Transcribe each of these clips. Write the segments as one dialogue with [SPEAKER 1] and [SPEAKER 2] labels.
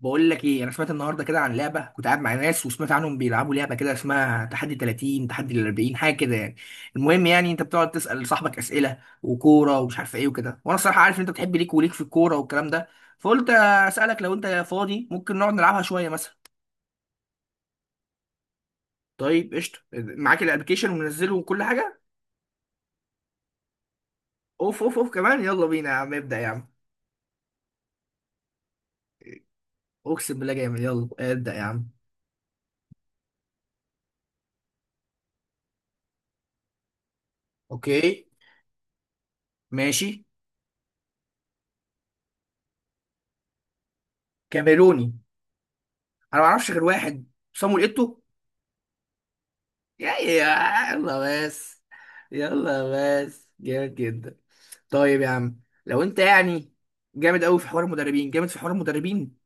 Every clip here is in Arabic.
[SPEAKER 1] بقول لك ايه، انا سمعت النهارده كده عن لعبه. كنت قاعد مع ناس وسمعت عنهم بيلعبوا لعبه كده اسمها تحدي 30، تحدي ال 40، حاجه كده يعني. المهم يعني انت بتقعد تسال صاحبك اسئله وكوره ومش عارف ايه وكده، وانا الصراحه عارف ان انت بتحب ليك وليك في الكوره والكلام ده، فقلت اسالك لو انت فاضي ممكن نقعد نلعبها شويه مثلا. طيب قشطه، معاك الابلكيشن ومنزله وكل حاجه؟ اوف اوف اوف، كمان! يلا بينا يا عم، ابدا يا عم. اقسم بالله جامد، يلا ابدا يا عم. اوكي، ماشي. كاميروني؟ انا ما اعرفش غير واحد، صامويل ايتو. يلا. بس، يلا. بس جامد جدا. طيب يا عم، لو انت يعني جامد قوي في حوار المدربين، جامد في حوار المدربين.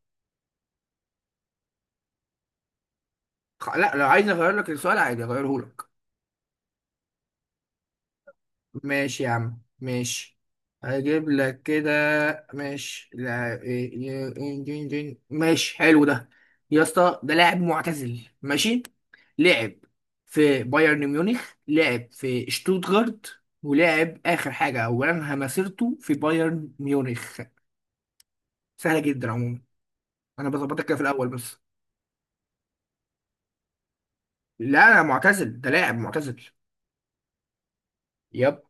[SPEAKER 1] لا، لو عايز اغير لك السؤال عادي اغيره لك. ماشي يا عم، ماشي. هجيب لك كده. ماشي. لا إيه- إيه- إيه- إيه- إيه- إيه. ماشي حلو ده. يا اسطى، ده لاعب معتزل، ماشي. لعب في بايرن ميونخ، لعب في شتوتغارت، ولعب اخر حاجه او انهى مسيرته في بايرن ميونخ. سهله جدا عموما، انا بظبطك كده في الاول بس. لا، انا معتزل، ده لاعب معتزل. يب.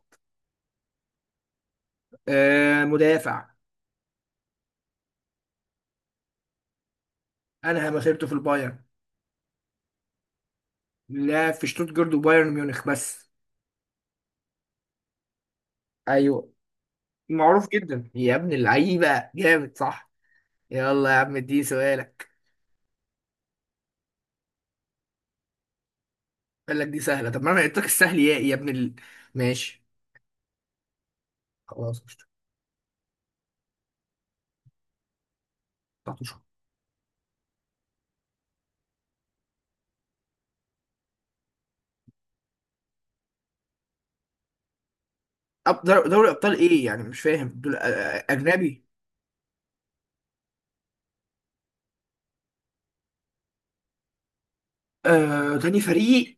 [SPEAKER 1] آه، مدافع. انهى مسيرته في البايرن. لا، في شتوتغارت وبايرن ميونخ بس. ايوه. معروف جدا يا ابن اللعيبه، جامد صح؟ يلا يا عم، اديني سؤالك. قال لك دي سهله، طب ما انا قلت لك السهل، يا يا ابن ال... ماشي. خلاص قشطة. دوري ابطال ايه يعني؟ مش فاهم دول، اجنبي. آه، تاني فريق.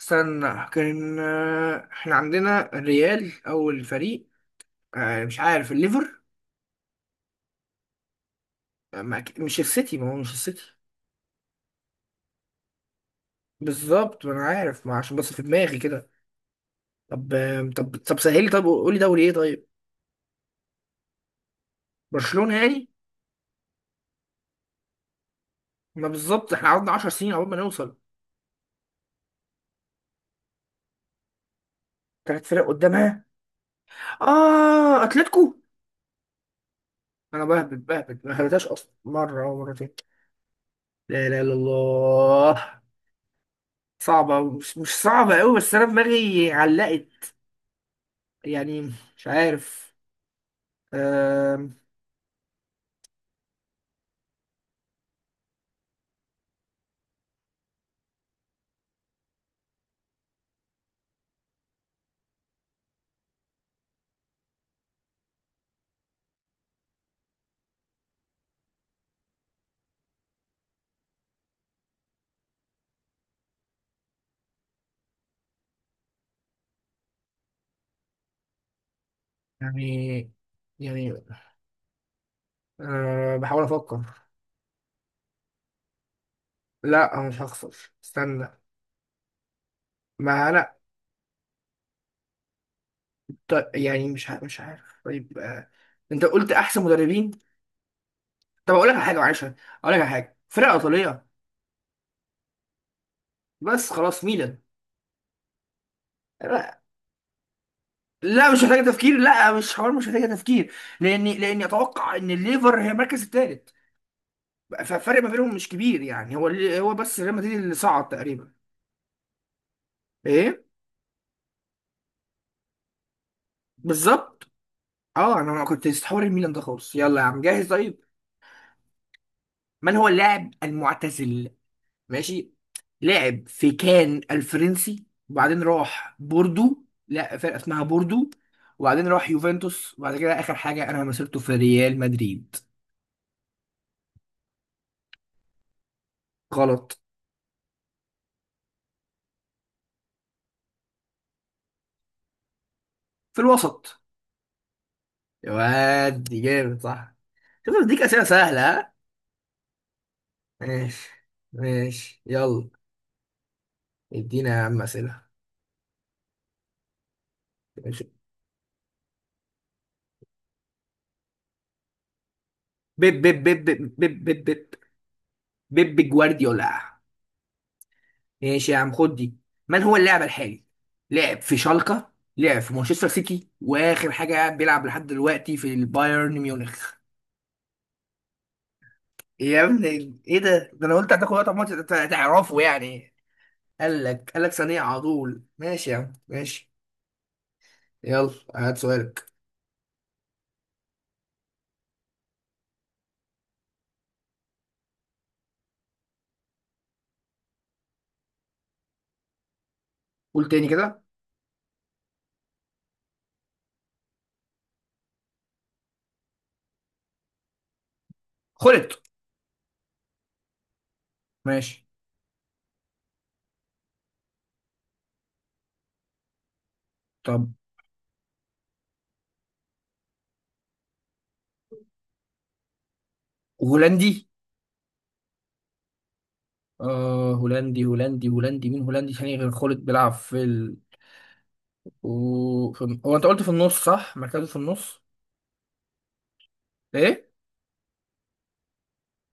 [SPEAKER 1] استنى، كان آه، احنا عندنا الريال اول فريق. آه، مش عارف الليفر. آه، ما مش السيتي، ما هو مش السيتي. بالظبط، ما انا عارف، ما عشان بس في دماغي كده. طب طب سهلي، طب قولي دوري ايه طيب. برشلونة يعني؟ ما بالظبط احنا قعدنا 10 سنين عقبال ما نوصل. ثلاث فرق قدامها؟ اه، اتلتيكو. انا بهبد بهبد، ما هبتهاش اصلا مره او مرتين. لا لا لا، الله. صعبة. مش صعبة أوي، بس أنا دماغي علقت يعني. مش عارف. آم، يعني. يعني. أه، بحاول أفكر. لا، أنا مش هخسر. استنى. ما أنا. يعني مش عارف طيب. أنت قلت أحسن مدربين. طب أقول لك على حاجة، معلش، أقول لك على حاجة، فرقة إيطالية. بس خلاص، ميلان. لا، لا مش محتاجة تفكير، لا مش حوار، مش محتاجة تفكير. لأني أتوقع إن الليفر هي المركز الثالث، فالفرق ما بينهم مش كبير يعني. هو بس ريال مدريد اللي صعد تقريبا. ايه، بالظبط. اه انا ما كنت استحور الميلان ده خالص. يلا يا عم، جاهز طيب؟ من هو اللاعب المعتزل؟ ماشي، لاعب في كان الفرنسي، وبعدين راح بوردو، لا فرقه اسمها بوردو، وبعدين راح يوفنتوس، وبعد كده اخر حاجه انا مسيرته في ريال مدريد. غلط. في الوسط. يا واد دي جامد صح. شوف، بديك اسئله سهله ها. ماشي، ماشي يلا. ادينا يا عم اسئله. ماشي. بيب بيب بيب بيب بيب بيب، بيب بيب، جوارديولا. ماشي يا عم، خد دي. من هو اللاعب الحالي؟ لعب في شالكة، لعب في مانشستر سيتي، واخر حاجة بيلعب لحد دلوقتي في البايرن ميونخ. يا ابني ايه ده؟ ده انا قلت هتاخد وقت عمال تعرفه يعني. قال لك، قال لك ثانية على طول. ماشي يا عم، ماشي. يلا هات سؤالك. قول تاني كده. خلط؟ ماشي. طب هولندي؟ آه، هولندي هولندي هولندي، مين هولندي تاني غير خلط بيلعب في... و في... هو انت قلت في النص صح، مركزه في النص؟ ايه.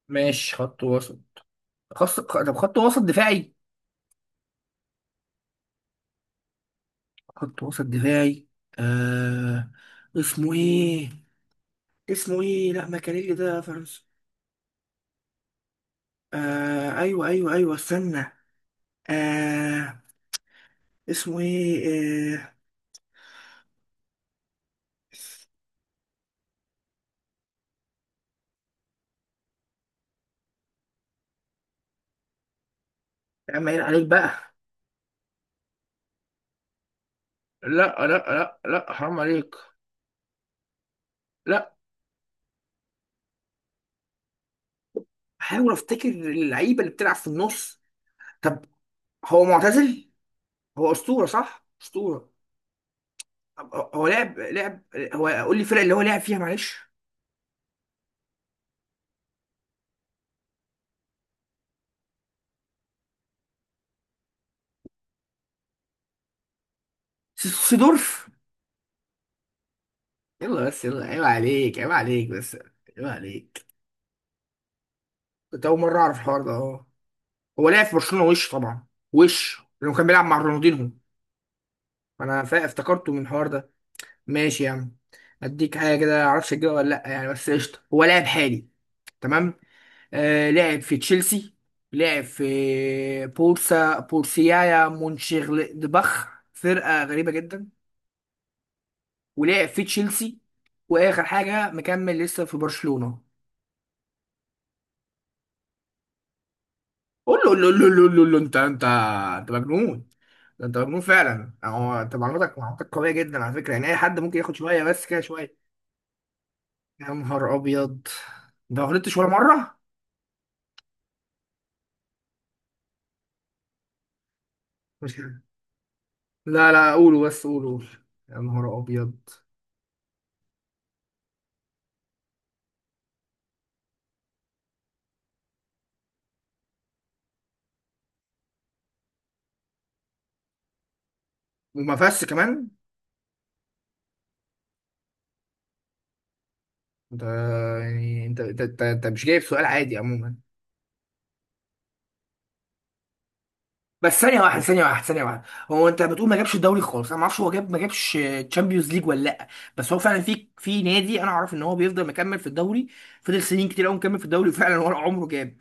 [SPEAKER 1] ماشي، خط وسط. خط، طب خط وسط دفاعي؟ خط وسط دفاعي. آه... اسمه ايه؟ اسمه ايه؟ لا ماكاريلي ده فرنسا. آه... ايوه ايوه ايوه، استنى. آه... اسمه ايه؟ آه... يا عم عيب عليك بقى. لا، لا لا لا، حرام عليك. لا. حاول افتكر اللعيبه اللي بتلعب في النص. طب، هو معتزل، هو اسطوره صح، اسطوره. هو لعب. هو قول لي الفرق اللي هو لعب فيها معلش. سيدورف. يلا بس، يلا عيب عليك، عيب عليك بس. عيب عليك. كنت أول مرة أعرف الحوار ده، أه. هو لعب في برشلونة وش طبعا. وش لأنه كان بيلعب مع رونالدينهو. أنا افتكرته من الحوار ده. ماشي يا عم. أديك حاجة كده معرفش أجيبها ولا لأ يعني، بس قشطة. هو لاعب حالي. تمام. آه، لعب في تشيلسي، لعب في بورسا، بورسيايا مونشيغلادباخ، فرقة غريبة جدا، ولعب في تشيلسي، واخر حاجه مكمل لسه في برشلونه. قول له، قول له، قول له، قول له، قول له، انت. انت، انت مجنون. ده انت مجنون فعلا يعني. هو انت معلوماتك قويه جدا على فكره يعني. اي حد ممكن ياخد شويه بس كده، شويه. يا نهار ابيض! ده ما غلطتش ولا مره. مش، لا لا، قولوا بس، قولوا قولوا. يا نهار ابيض! وما فيهاش كمان. انت يعني، انت مش جايب سؤال عادي عموما. بس ثانية واحدة، ثانية واحدة، ثانية واحدة. هو انت بتقول ما جابش الدوري خالص، انا ما اعرفش هو جاب ما جابش تشامبيونز ليج ولا لا. بس هو فعلا في نادي انا اعرف ان هو بيفضل مكمل في الدوري، فضل سنين كتير قوي مكمل في الدوري، وفعلا ورا عمره جاب.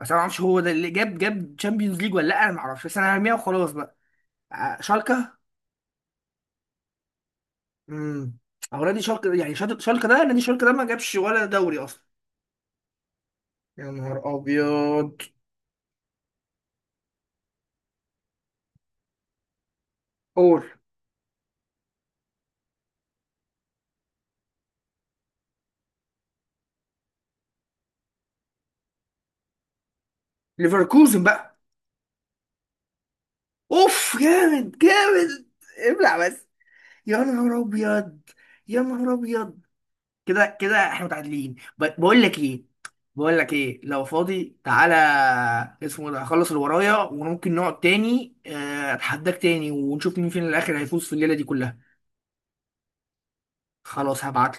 [SPEAKER 1] بس انا ما اعرفش هو ده اللي جاب تشامبيونز ليج ولا لا، انا ما اعرفش، بس انا هرميها وخلاص بقى. شالكة. امم، هو نادي شالكة يعني، شالكة، ده نادي شالكة ده ما جابش ولا دوري اصلا. يا نهار ابيض! اور، ليفركوزن بقى. اوف، جامد جامد. ابلع. يا نهار ابيض! يا نهار ابيض! كده كده احنا متعادلين. بقول لك ايه، بقول لك ايه، لو فاضي تعالى، اسمه ده، اخلص اللي ورايا وممكن نقعد تاني، آه، اتحداك تاني ونشوف مين فينا الاخر هيفوز في الليله دي كلها. خلاص، هبعت.